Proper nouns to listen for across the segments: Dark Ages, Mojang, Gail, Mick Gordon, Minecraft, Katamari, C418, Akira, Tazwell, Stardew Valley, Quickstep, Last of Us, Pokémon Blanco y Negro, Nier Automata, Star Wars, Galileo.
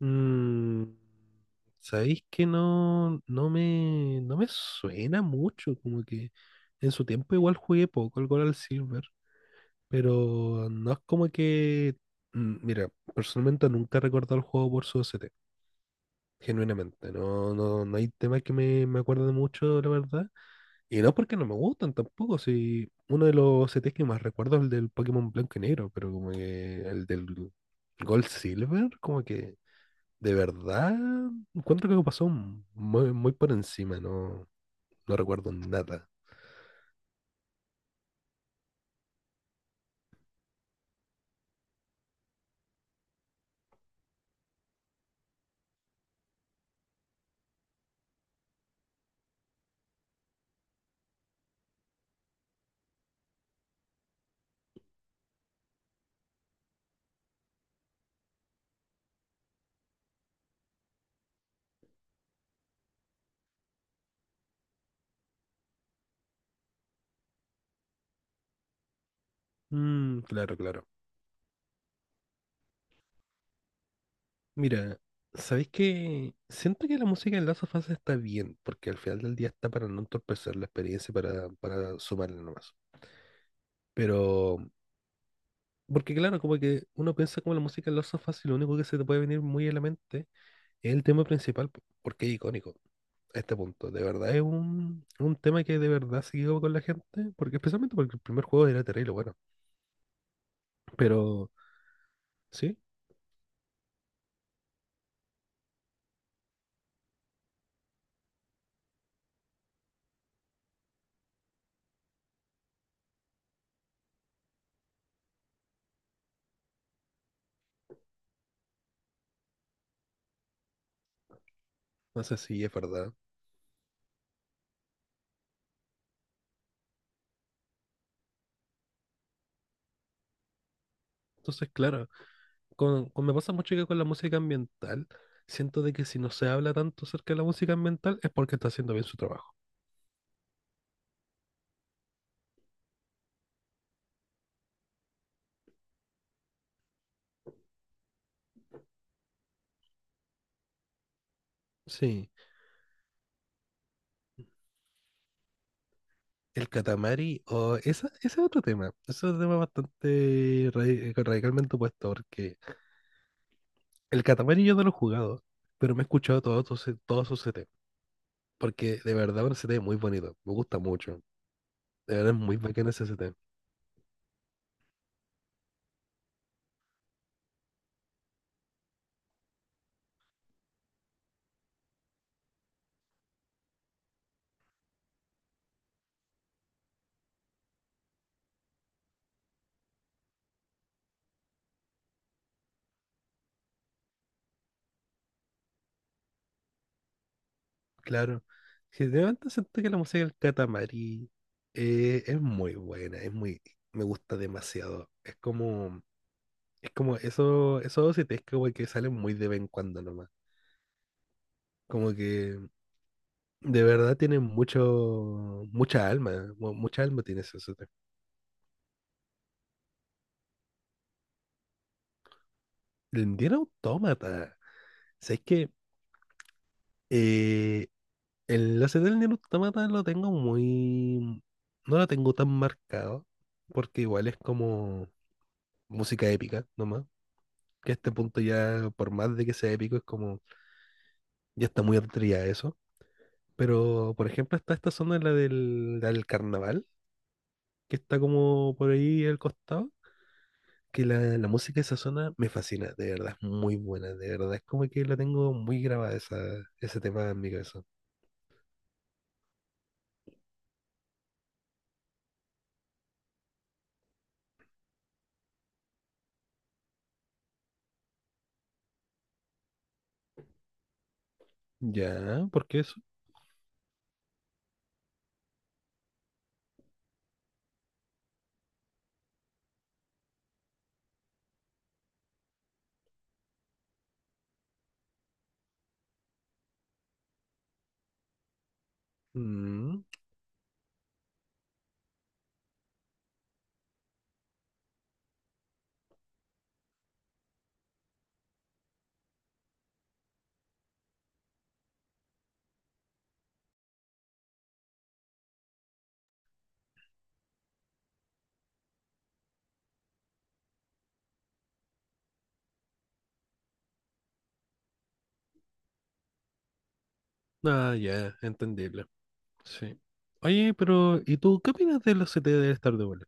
Mm, Sabéis que no, no me suena mucho, como que en su tiempo igual jugué poco al Gold al Silver, pero no es como que, mira, personalmente nunca he recordado el juego por su OST. Genuinamente, no, no, no hay temas que me acuerden mucho, la verdad, y no porque no me gustan tampoco, si uno de los OSTs que más recuerdo es el del Pokémon Blanco y Negro, pero como que el del Gold Silver, como que... De verdad, encuentro que pasó muy, muy por encima. No, no recuerdo nada. Mm, claro, claro. Mira, ¿sabéis que siento que la música en Last of Us está bien, porque al final del día está para no entorpecer la experiencia, para sumarle nomás? Pero, porque claro, como que uno piensa como la música en Last of Us y lo único que se te puede venir muy a la mente es el tema principal, porque es icónico a este punto. De verdad es un tema que de verdad se quedó con la gente, porque especialmente porque el primer juego era terrible, bueno. Pero sí, no sé si es verdad. Entonces, claro, me pasa mucho que con la música ambiental, siento de que si no se habla tanto acerca de la música ambiental es porque está haciendo bien su trabajo. Sí, el Katamari, o esa, ese es otro tema bastante radicalmente opuesto, porque el Katamari yo no lo he jugado, pero me he escuchado todos sus CT, porque de verdad es un CT muy bonito, me gusta mucho, de verdad es muy bacán ese CT. Claro. Si de momento siento que la música del Katamari es muy buena, me gusta demasiado. Es como eso, esos OSTs que, güey, que salen muy de vez en cuando nomás. Como que de verdad tienen mucho, mucha alma, mucha alma tiene ese OST. El Nier Automata. ¿Sabes que el OST del Nier Automata no lo tengo tan marcado, porque igual es como música épica nomás que a este punto ya, por más de que sea épico, es como, ya está muy atrevida eso? Pero, por ejemplo, está esta zona, la del carnaval, que está como por ahí al costado, que la música de esa zona me fascina, de verdad, es muy buena, de verdad, es como que la tengo muy grabada esa, ese tema en mi cabeza. Ya, ¿por qué eso? Mm, ah, ya, entendible, sí. Oye, pero, ¿y tú qué opinas de los C T de Stardew Valley?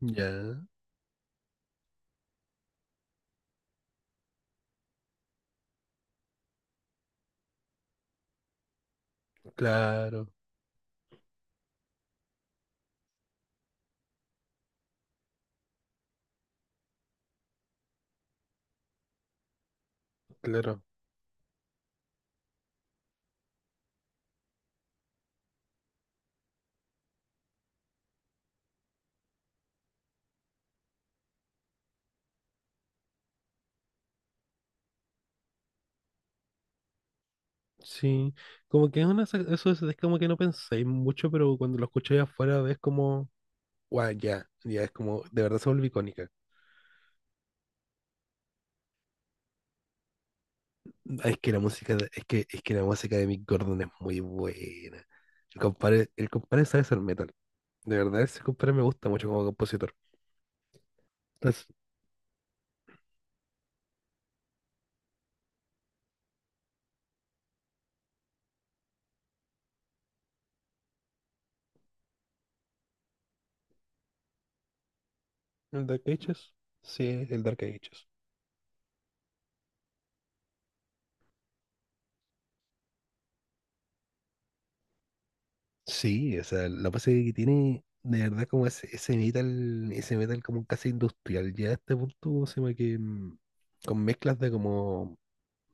Ya, claro, claro. Sí, como que es una, eso es como que no pensáis mucho, pero cuando lo escucháis afuera ves como, wow, ya, ya es como, de verdad se vuelve icónica. Ah, es que la música, es que la música de Mick Gordon es muy buena. El compadre sabe hacer metal. De verdad, ese compadre me gusta mucho como compositor. Entonces, ¿el Dark Ages? Sí, el Dark Ages. Sí, o sea, la base que tiene, de verdad, como ese metal como casi industrial, ya a este punto, se llama que con mezclas de como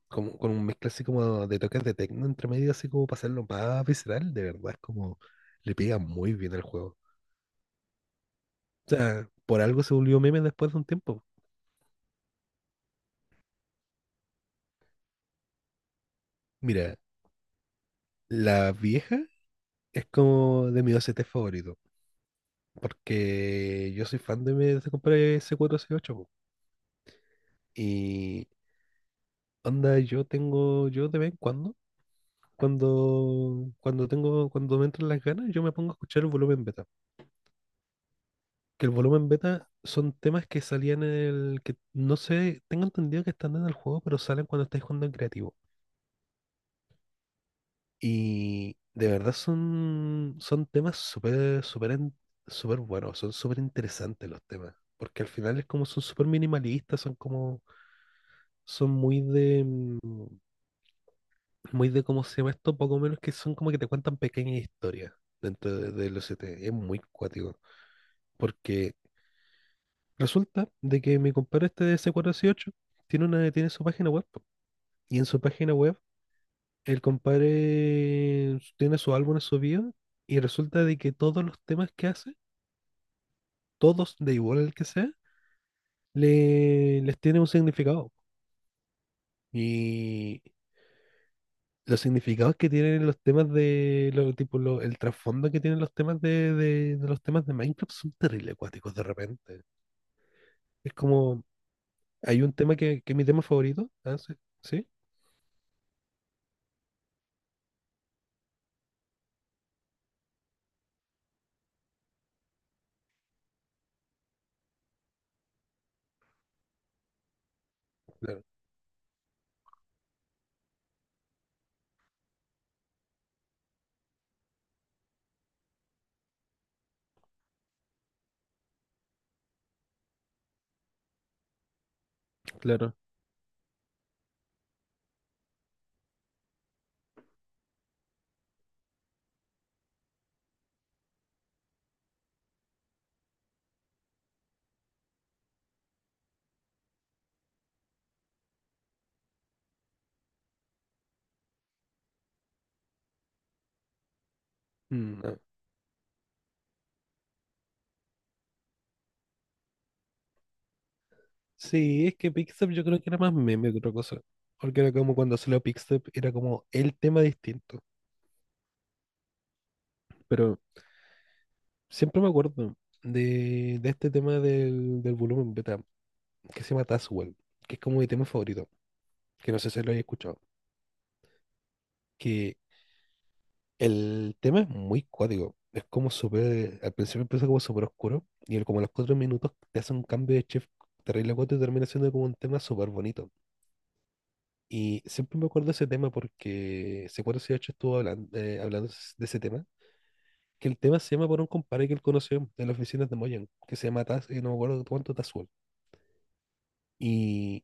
como, con un mezcla así como de toques de techno entre medio, así como para hacerlo más visceral, de verdad, es como le pega muy bien al juego. O sea, por algo se volvió meme después de un tiempo. Mira, la vieja es como de mi OCT favorito, porque yo soy fan de me desde compré ese cuatro s ocho po. Y onda, yo de vez en cuando, cuando me entran las ganas, yo me pongo a escuchar el volumen beta, que el volumen beta son temas que salían en el que no sé, tengo entendido que están en el juego, pero salen cuando estáis jugando en creativo. Y de verdad son temas súper, súper, súper buenos, son súper interesantes los temas, porque al final es como son súper minimalistas, son como, son muy de cómo se llama esto, poco menos que son como que te cuentan pequeñas historias dentro del OCT, es muy cuático, porque resulta de que mi compadre este de C418 tiene su página web, po. Y en su página web, el compadre tiene sus álbumes subidos. Y resulta de que todos los temas que hace, todos, de igual el que sea, le, les tiene un significado. Y los significados que tienen los temas de, lo, tipo, lo- el trasfondo que tienen los temas de los temas de Minecraft son terrible acuáticos de repente. Es como, hay un tema que es mi tema favorito. Ah, sí, sí, claro. Claro. Mm, Sí, es que Quickstep yo creo que era más meme que otra cosa. Porque era como cuando salió Quickstep, era como el tema distinto. Pero siempre me acuerdo de este tema del volumen beta, que se llama Tazwell, que es como mi tema favorito, que no sé si lo hayas escuchado. Que el tema es muy cuático. Es como súper, al principio empieza como súper oscuro, y como a los 4 minutos te hace un cambio de chef terrible cuático y termina siendo como un tema súper bonito. Y siempre me acuerdo de ese tema porque C418 estuvo hablando, hablando de ese tema. Que el tema se llama por un compadre que él conoció en las oficinas de Moyan, que se llama Taz, no me acuerdo cuánto Tazuel. Y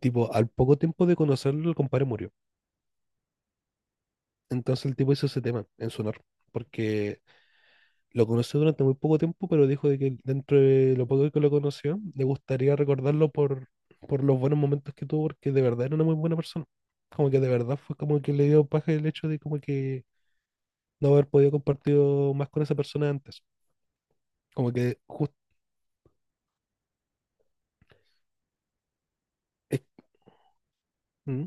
tipo, al poco tiempo de conocerlo, el compadre murió. Entonces el tipo hizo ese tema en su honor, porque lo conoció durante muy poco tiempo, pero dijo de que dentro de lo poco que lo conoció, le gustaría recordarlo por los buenos momentos que tuvo, porque de verdad era una muy buena persona. Como que de verdad fue como que le dio paja el hecho de como que no haber podido compartir más con esa persona antes. Como que justo es, ¿mm?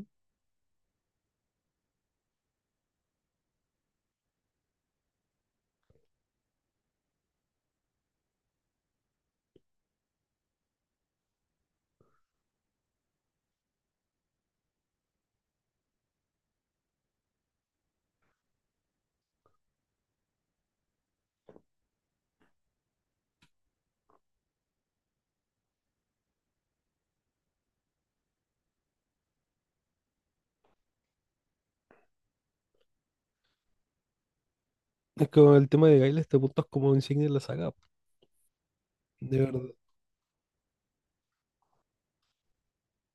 Es como el tema de Gail, este punto es como insignia de la saga. De verdad.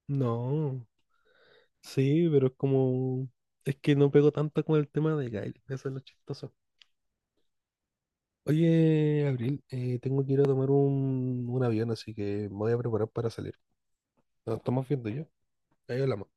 No, sí, pero es como, es que no pego tanto con el tema de Gail, eso es lo chistoso. Oye, Abril, tengo que ir a tomar un avión, así que me voy a preparar para salir. Nos estamos viendo ya. Ahí hablamos.